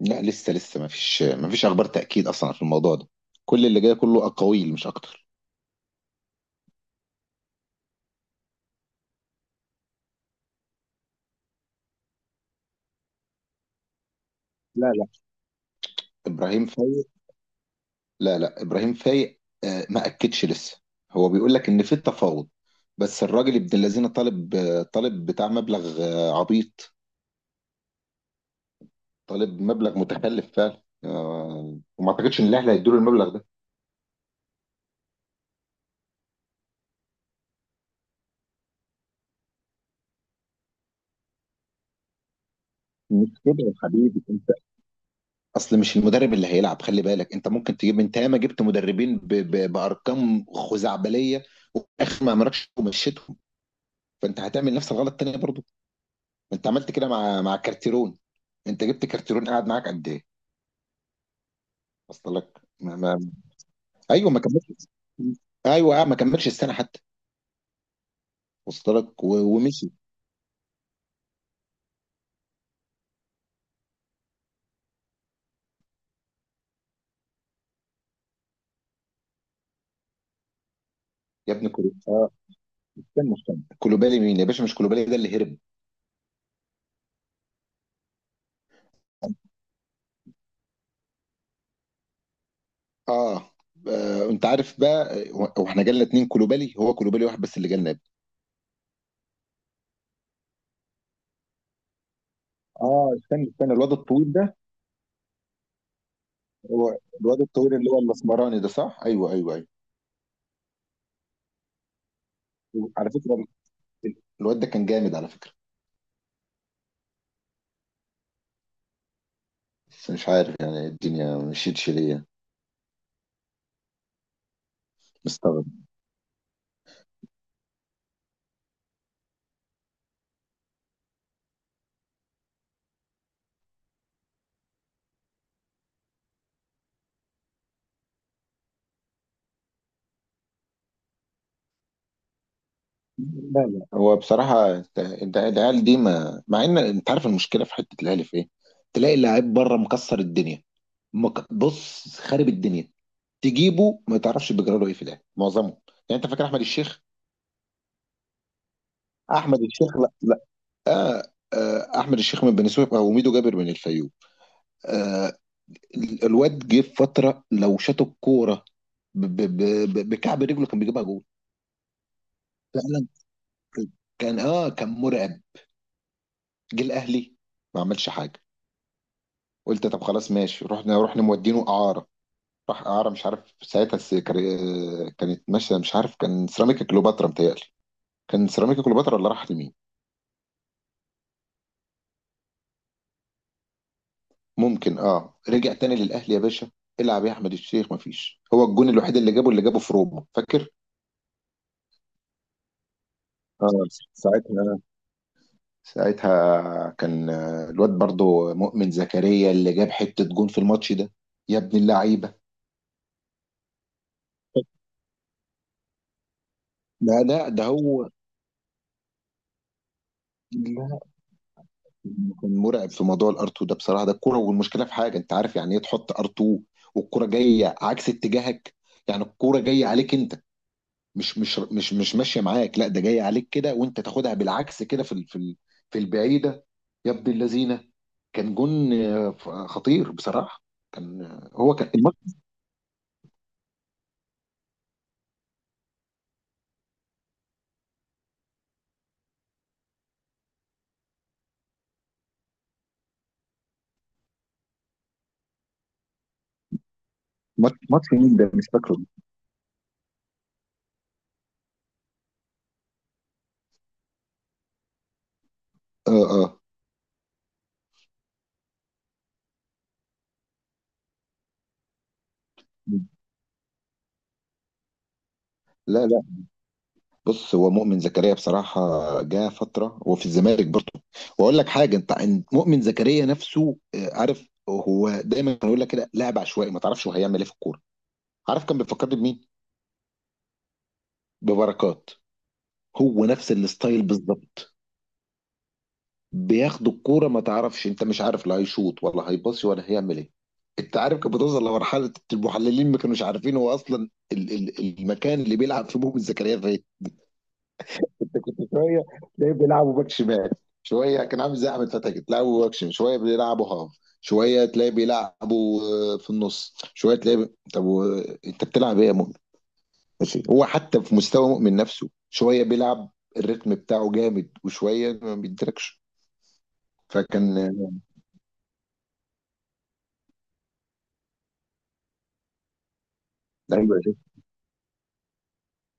لا، لسه ما فيش اخبار تاكيد اصلا في الموضوع ده. كل اللي جاي كله اقاويل مش اكتر. لا، لا، ابراهيم فايق. لا، لا، ابراهيم فايق، ما اكدش لسه. هو بيقول لك ان في تفاوض. بس الراجل ابن الذين طالب بتاع مبلغ عبيط. طالب مبلغ متخلف فعلا، وما اعتقدش ان الاهلي هيدوا له المبلغ ده. مش كده يا حبيبي انت. اصل مش المدرب اللي هيلعب، خلي بالك انت ممكن تجيب، انت ياما جبت مدربين بارقام خزعبليه. واخر ما عملكش ومشيتهم. فانت هتعمل نفس الغلط تاني برضو. ما انت عملت كده مع كارتيرون. انت جبت كارتيرون قاعد معاك قد ايه؟ وصل لك ما... ما... ايوه، ما كملش. ايوه، ما كملش السنه حتى. وصل لك ومشي. يا ابن كولو. اه. كان مهتم. كولوبالي مين يا باشا؟ مش كولوبالي ده اللي هرب؟ اه. انت عارف بقى، واحنا جالنا 2 كولوبالي، هو كولوبالي واحد بس اللي جالنا يا ابني. اه، استنى استنى الواد الطويل ده. هو الواد الطويل اللي هو الاسمراني ده، صح؟ ايوه، ايوه، ايوه. على فكره، الواد ده كان جامد على فكره. بس مش عارف يعني الدنيا مشيتش ليا. مستغرب. لا، لا، هو بصراحة العيال دي، ما مع ان انت عارف المشكلة في حتة الاهلي في ايه. تلاقي اللعيب بره مكسر الدنيا. بص، خارب الدنيا. تجيبه ما تعرفش بيجرى له ايه في الاهلي، معظمه. يعني انت فاكر احمد الشيخ؟ احمد الشيخ؟ لا، لا. آه، آه، احمد الشيخ من بني سويف، او ميدو جابر من الفيوم. آه. الواد جه في فترة لو شاط الكورة ب- ب- بكعب رجله كان بيجيبها جول. لا. كان مرعب. جه الاهلي. ما عملش حاجه. قلت طب خلاص ماشي، رحنا مودينه اعاره. راح اعاره، مش عارف ساعتها كانت ماشيه، مش عارف كان سيراميكا كليوباترا متهيألي. كان سيراميكا كليوباترا ولا راح لمين؟ ممكن. اه، رجع تاني للاهلي يا باشا. العب يا احمد الشيخ، مفيش. هو الجون الوحيد اللي جابه في روما، فاكر؟ اه. ساعتها ساعتها كان الواد برضو مؤمن زكريا اللي جاب حته جون في الماتش ده. يا ابن اللعيبه. لا، لا، ده هو. كان مرعب في موضوع الار 2 ده بصراحه، ده الكوره. والمشكله في حاجه، انت عارف يعني ايه تحط ار 2؟ والكوره جايه عكس اتجاهك. يعني الكوره جايه عليك انت. مش ماشيه معاك، لا ده جايه عليك كده وانت تاخدها بالعكس كده في البعيده. يا ابن اللذينه. كان جون خطير بصراحه. كان الماتش. ماتش مين ده؟ مش فاكره. اه، اه. لا، لا، بص هو مؤمن زكريا بصراحة. جه فترة هو في الزمالك برضه. وأقول لك حاجة، أنت مؤمن زكريا نفسه، عارف هو دايما يقول لك كده لاعب عشوائي، ما تعرفش هو هيعمل إيه في الكورة. عارف كان بيفكرني بمين؟ ببركات. هو نفس الستايل بالظبط. بياخد الكورة ما تعرفش، أنت مش عارف لا هيشوط ولا هيباصي ولا هيعمل إيه. أنت عارف كانت بتوصل لمرحلة المحللين ما كانوش عارفين هو أصلا المكان اللي بيلعب فيه مؤمن زكريا فين. شويه تلاقيه بيلعبوا باك شمال. شويه كان عامل زي احمد فتحي كده، تلعبوا باك شمال، شويه بيلعبوا هاف. شويه تلاقيه بيلعبوا في النص، شويه تلاقيه طب انت بتلعب ايه يا مؤمن؟ ماشي، هو حتى في مستوى مؤمن نفسه شويه بيلعب. الريتم بتاعه جامد وشويه ما بيدركش. فكان. ايوه يا شيخ.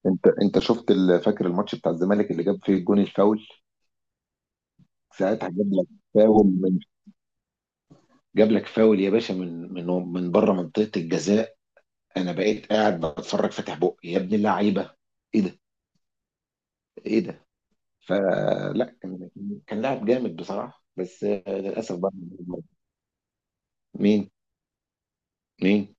انت شفت، فاكر الماتش بتاع الزمالك اللي جاب فيه الجون الفاول؟ ساعتها جاب لك فاول من. جاب لك فاول يا باشا من من بره منطقه الجزاء. انا بقيت قاعد بتفرج فاتح بقي، يا ابن اللعيبه. ايه ده؟ ايه ده؟ فلا كان لاعب جامد بصراحه، بس للاسف بقى. مين؟ مين؟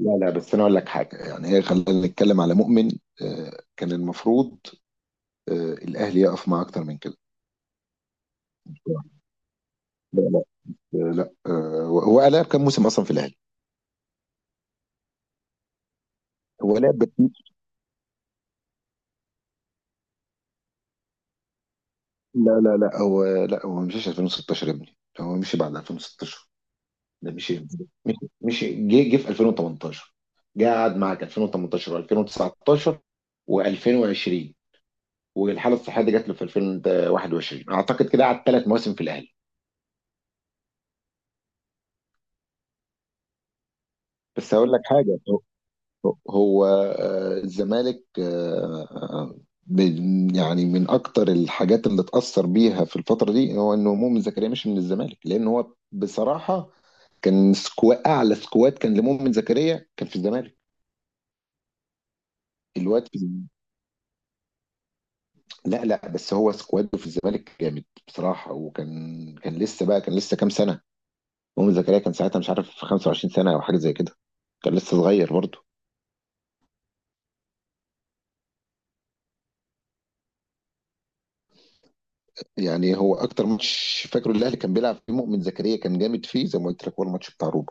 لا، لا، بس انا اقول لك حاجه، يعني هي خلينا نتكلم على مؤمن. كان المفروض الاهلي يقف معاه اكتر من كده. لا، لا، لا، هو لعب كام موسم اصلا في الاهلي؟ هو لعب لا، لا، لا، هو لا هو ما مشيش 2016 يا ابني، هو مشي بعد 2016. ده مشي. مشي جه في 2018. جه قعد معاك 2018 و2019 و2020، والحاله الصحيه دي جات له في 2021، اعتقد كده قعد 3 مواسم في الاهلي. بس هقول لك حاجه، هو، الزمالك يعني من اكتر الحاجات اللي اتاثر بيها في الفتره دي هو ان مؤمن زكريا مشي من الزمالك، لان هو بصراحه كان اعلى سكواد كان لمؤمن زكريا كان في الزمالك. الواد. لا، لا، بس هو سكواده في الزمالك جامد بصراحة، وكان كان لسه بقى كان لسه كام سنة. مؤمن زكريا كان ساعتها مش عارف 25 سنة أو حاجة زي كده. كان لسه صغير برضه. يعني هو أكتر ماتش فاكره الأهلي كان بيلعب فيه مؤمن زكريا كان جامد فيه، زي ما قلت لك، هو الماتش بتاع روما.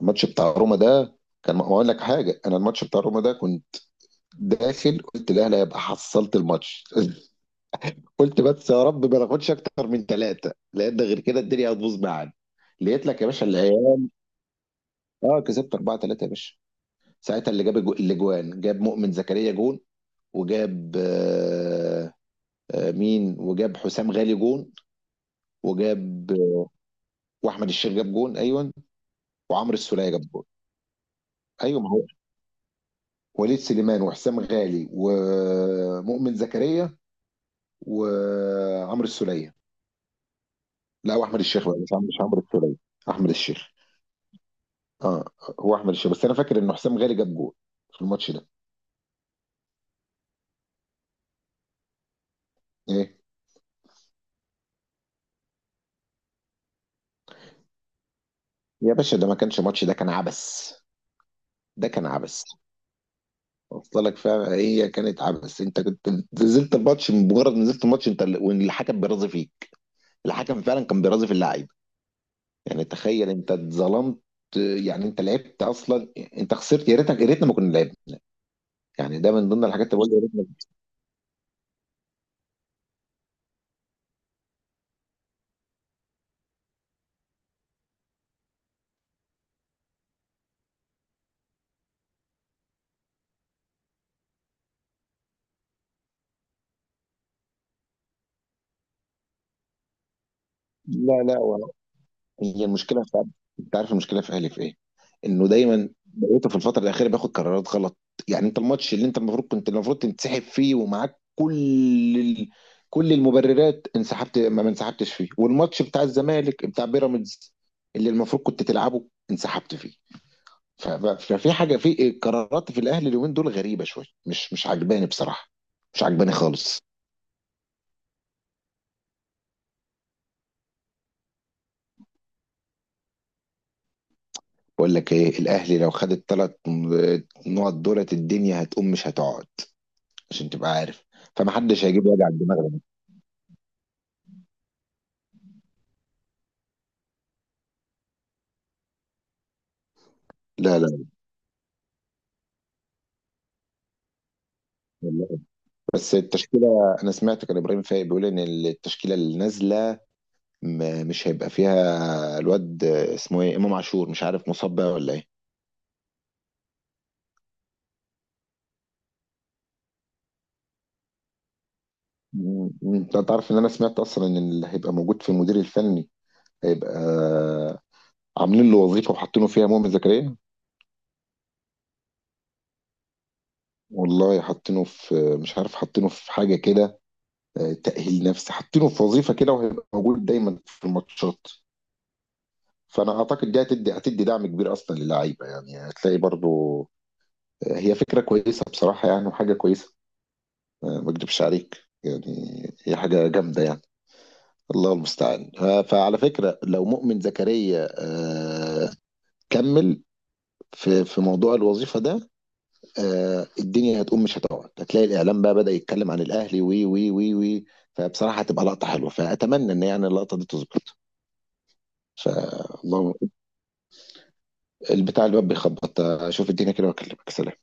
الماتش بتاع روما ده كان، ما أقول لك حاجة أنا، الماتش بتاع روما ده كنت داخل، قلت الأهلي هيبقى حصلت الماتش قلت بس يا رب ما ناخدش أكتر من 3، لأن غير كده الدنيا هتبوظ معانا. لقيت لك يا باشا العيال. اه، كسبت 4-3 يا باشا. ساعتها اللي جاب الاجوان، جاب مؤمن زكريا جون. وجاب مين، وجاب حسام غالي جون. وجاب واحمد الشيخ جاب جون. ايوه، وعمرو السوليه جاب جون. ايوه، ما هو وليد سليمان وحسام غالي ومؤمن زكريا وعمرو السوليه. لا، واحمد الشيخ بقى، مش عمرو السوليه. احمد الشيخ. اه. هو احمد الشيخ، بس انا فاكر ان حسام غالي جاب جون في الماتش ده. ايه يا باشا، ده ما كانش ماتش، ده كان عبث. ده كان عبث. وصلك فعلا، هي كانت عبث، انت كنت نزلت الماتش، مجرد نزلت الماتش انت، والحكم بيرازي فيك. الحكم فعلا كان بيرازي في اللعيبه. يعني تخيل انت اتظلمت. يعني انت لعبت اصلا، انت خسرت، يا ريتنا ما كنا لعبنا. يعني ده من ضمن الحاجات اللي بقول يا ريتنا. لا، لا، هي المشكله في، انت عارف المشكله في اهلي في ايه؟ انه دايما بقيته في الفتره الاخيره بياخد قرارات غلط. يعني انت الماتش اللي انت المفروض تنسحب فيه ومعاك كل ال... كل المبررات، انسحبت، ما انسحبتش فيه، والماتش بتاع الزمالك بتاع بيراميدز اللي المفروض كنت تلعبه انسحبت فيه. ف... ف- ففي حاجه، في قرارات في الاهلي اليومين دول غريبه شويه، مش عجباني بصراحه. مش عجباني خالص. بقول لك ايه، الاهلي لو خد الثلاث نقط دولت، الدنيا هتقوم مش هتقعد، عشان تبقى عارف. فمحدش هيجيب وجع الدماغ ده. لا، لا، والله. بس التشكيله، انا سمعت كان ابراهيم فايق بيقول ان التشكيله اللي نازله مش هيبقى فيها الواد اسمه ايه، امام عاشور، مش عارف مصاب بقى ولا ايه. مم. انت تعرف ان انا سمعت اصلا ان اللي هيبقى موجود في المدير الفني، هيبقى عاملين له وظيفه وحاطينه فيها مؤمن زكريا. والله حاطينه في مش عارف، حاطينه في حاجه كده، تأهيل نفسي، حاطينه في وظيفه كده، وهيبقى موجود دايما في الماتشات. فانا اعتقد دي هتدي دعم كبير اصلا للعيبه، يعني هتلاقي برضو هي فكره كويسه بصراحه يعني، وحاجه كويسه. ما اكدبش عليك يعني. هي حاجه جامده يعني. الله المستعان. فعلى فكره، لو مؤمن زكريا آه، كمل في موضوع الوظيفه ده، الدنيا هتقوم مش هتقعد، هتلاقي الاعلام بقى بدأ يتكلم عن الاهلي وي وي وي وي. فبصراحه هتبقى لقطه حلوه، فاتمنى ان يعني اللقطه دي تظبط. فالله. البتاع الواد بيخبط، اشوف الدنيا كده واكلمك. سلام.